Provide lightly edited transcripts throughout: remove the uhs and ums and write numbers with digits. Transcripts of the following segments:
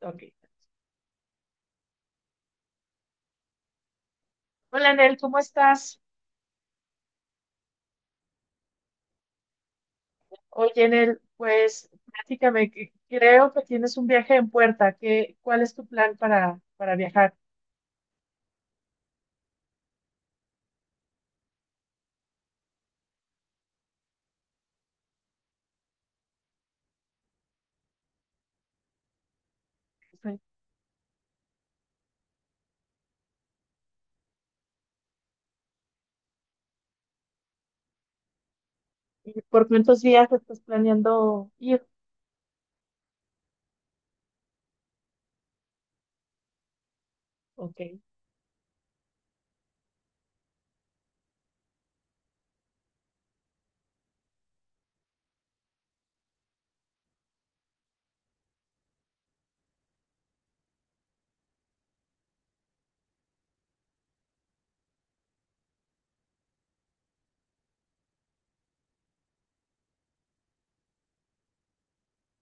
Ok. Hola, Nel, ¿cómo estás? Oye, Nel, pues platícame, que creo que tienes un viaje en puerta. ¿Cuál es tu plan para viajar? Sí. ¿Y por cuántos días estás planeando ir? Ok.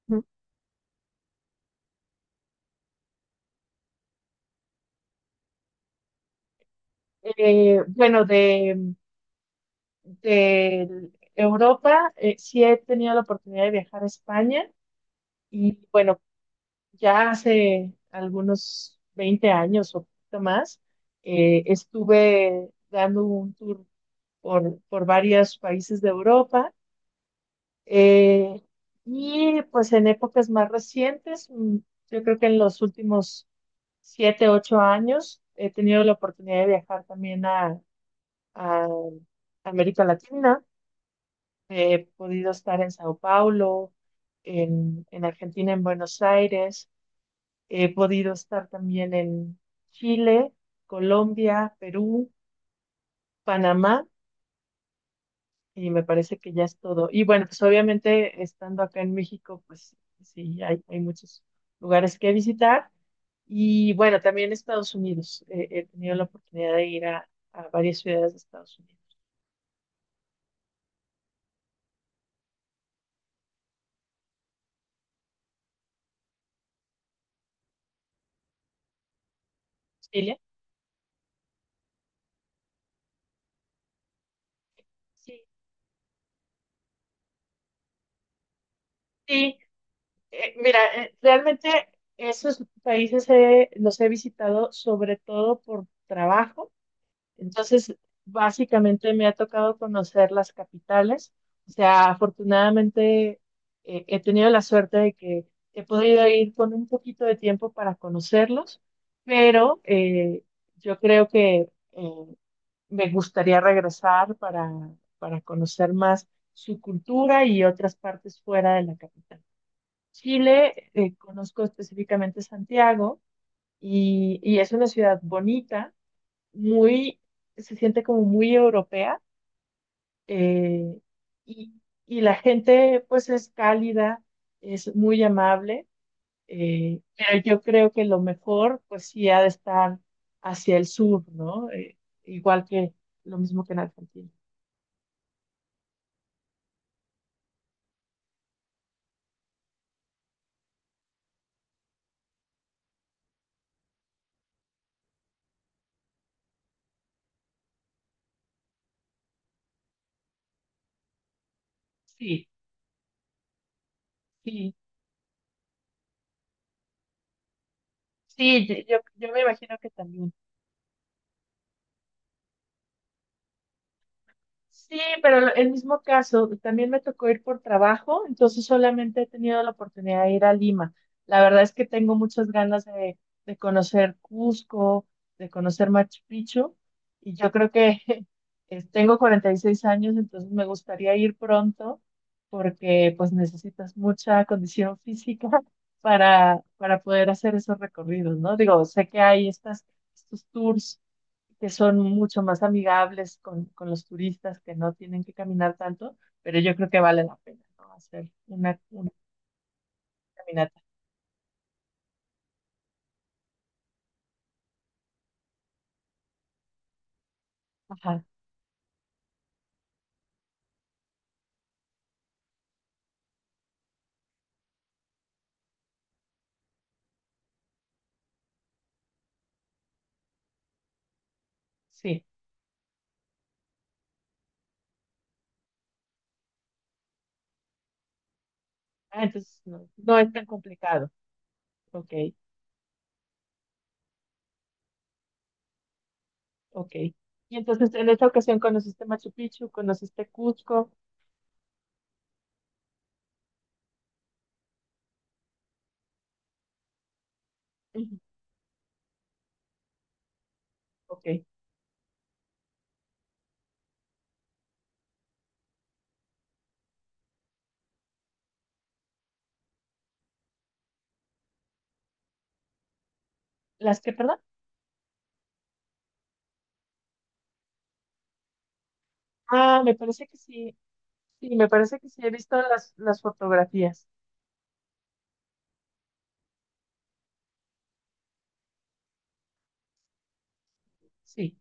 Ujú. Bueno, de Europa, sí he tenido la oportunidad de viajar a España y bueno, ya hace algunos 20 años o poquito más, estuve dando un tour por varios países de Europa. eh, y pues en épocas más recientes, yo creo que en los últimos 7, 8 años, he tenido la oportunidad de viajar también a América Latina. He podido estar en Sao Paulo, en Argentina, en Buenos Aires. He podido estar también en Chile, Colombia, Perú, Panamá. Y me parece que ya es todo. Y bueno, pues obviamente estando acá en México, pues sí, hay muchos lugares que visitar. Y bueno, también Estados Unidos. He tenido la oportunidad de ir a varias ciudades de Estados Unidos. ¿Chile? Sí, sí. Mira, realmente esos países los he visitado sobre todo por trabajo. Entonces, básicamente me ha tocado conocer las capitales. O sea, afortunadamente he tenido la suerte de que he podido ir con un poquito de tiempo para conocerlos, pero yo creo que me gustaría regresar para conocer más su cultura y otras partes fuera de la capital. Chile, conozco específicamente Santiago y es una ciudad bonita, muy, se siente como muy europea, eh, y, y la gente pues es cálida, es muy amable, pero yo creo que lo mejor pues sí ha de estar hacia el sur, ¿no? Igual que lo mismo que en Argentina. Sí, sí, sí, yo me imagino que también. Sí, pero el mismo caso, también me tocó ir por trabajo, entonces solamente he tenido la oportunidad de ir a Lima. La verdad es que tengo muchas ganas de conocer Cusco, de conocer Machu Picchu, y yo creo que tengo 46 años, entonces me gustaría ir pronto, porque pues necesitas mucha condición física para poder hacer esos recorridos, ¿no? Digo, sé que hay estos tours que son mucho más amigables con los turistas que no tienen que caminar tanto, pero yo creo que vale la pena, ¿no? Hacer una caminata. Ajá, sí. Ah, entonces no, no es tan complicado. Ok, ok. Y entonces en esta ocasión conociste Machu Picchu, conociste Cusco. Ujú, ok. ¿Las que, perdón? Ah, me parece que sí. Sí, me parece que sí. He visto las fotografías. Sí,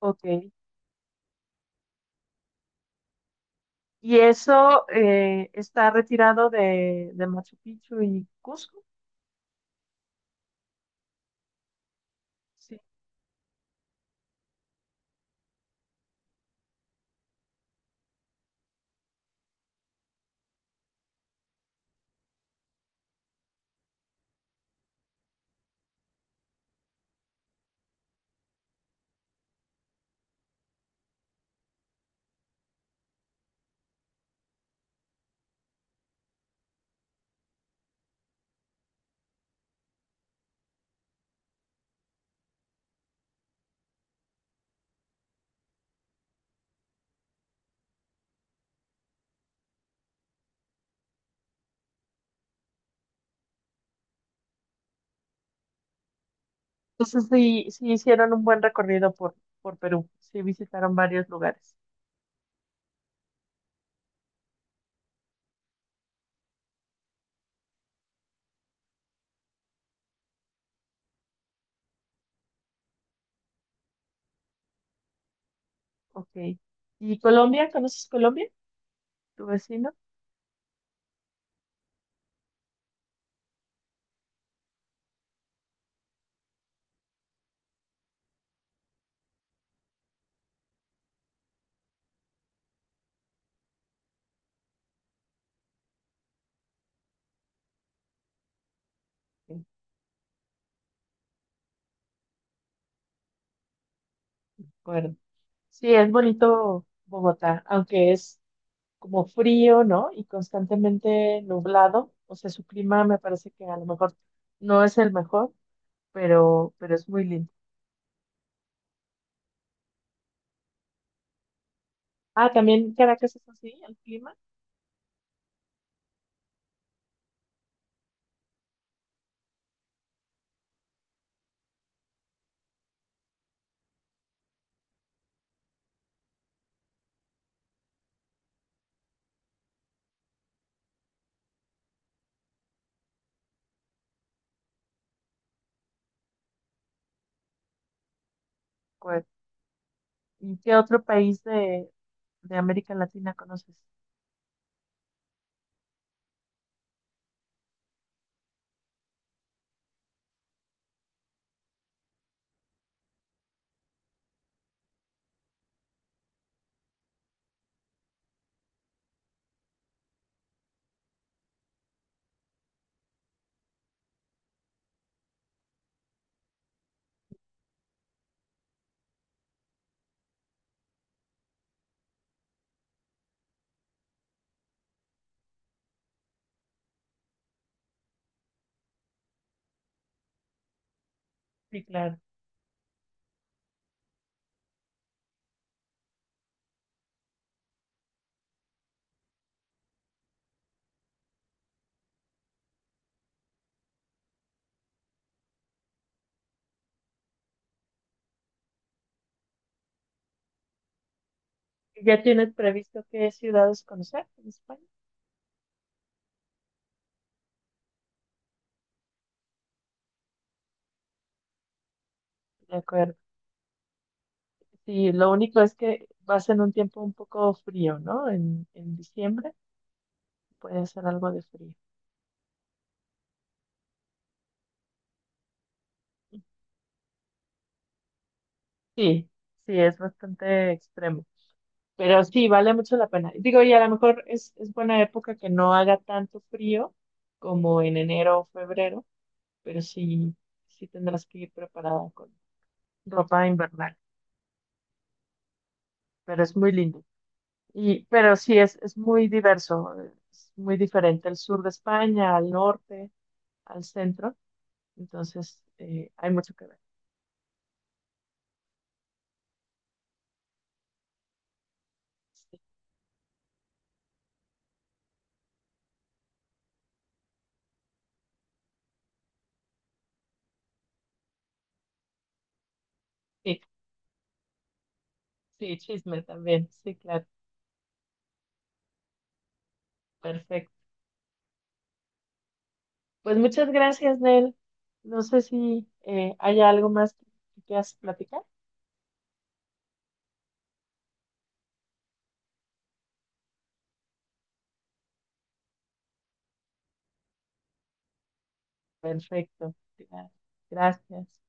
ok. ¿Y eso está retirado de Machu Picchu y Cusco? Sí. Entonces sí, sí hicieron un buen recorrido por Perú. Sí visitaron varios lugares. Ok. ¿Y Colombia? ¿Conoces Colombia? ¿Tu vecino? Sí, de acuerdo. Sí, es bonito Bogotá, aunque es como frío, ¿no? Y constantemente nublado. O sea, su clima me parece que a lo mejor no es el mejor, pero es muy lindo. Ah, también Caracas es así, el clima. Pues, ¿y qué otro país de América Latina conoces? Sí, claro. ¿Ya tienes previsto qué ciudades conocer en España? De acuerdo. Sí, lo único es que va a ser un tiempo un poco frío, ¿no? En diciembre puede ser algo de frío. Sí, sí, es bastante extremo. Pero sí, vale mucho la pena. Digo, y a lo mejor es buena época que no haga tanto frío como en enero o febrero, pero sí, sí tendrás que ir preparada con ropa invernal. Pero es muy lindo. Pero sí, es muy diverso, es muy diferente el sur de España, al norte, al centro. Entonces, hay mucho que ver. Sí, sí, sí, chisme también. Sí, claro. Perfecto. Pues muchas gracias, Nel. No sé si hay algo más que quieras platicar. Perfecto. Gracias.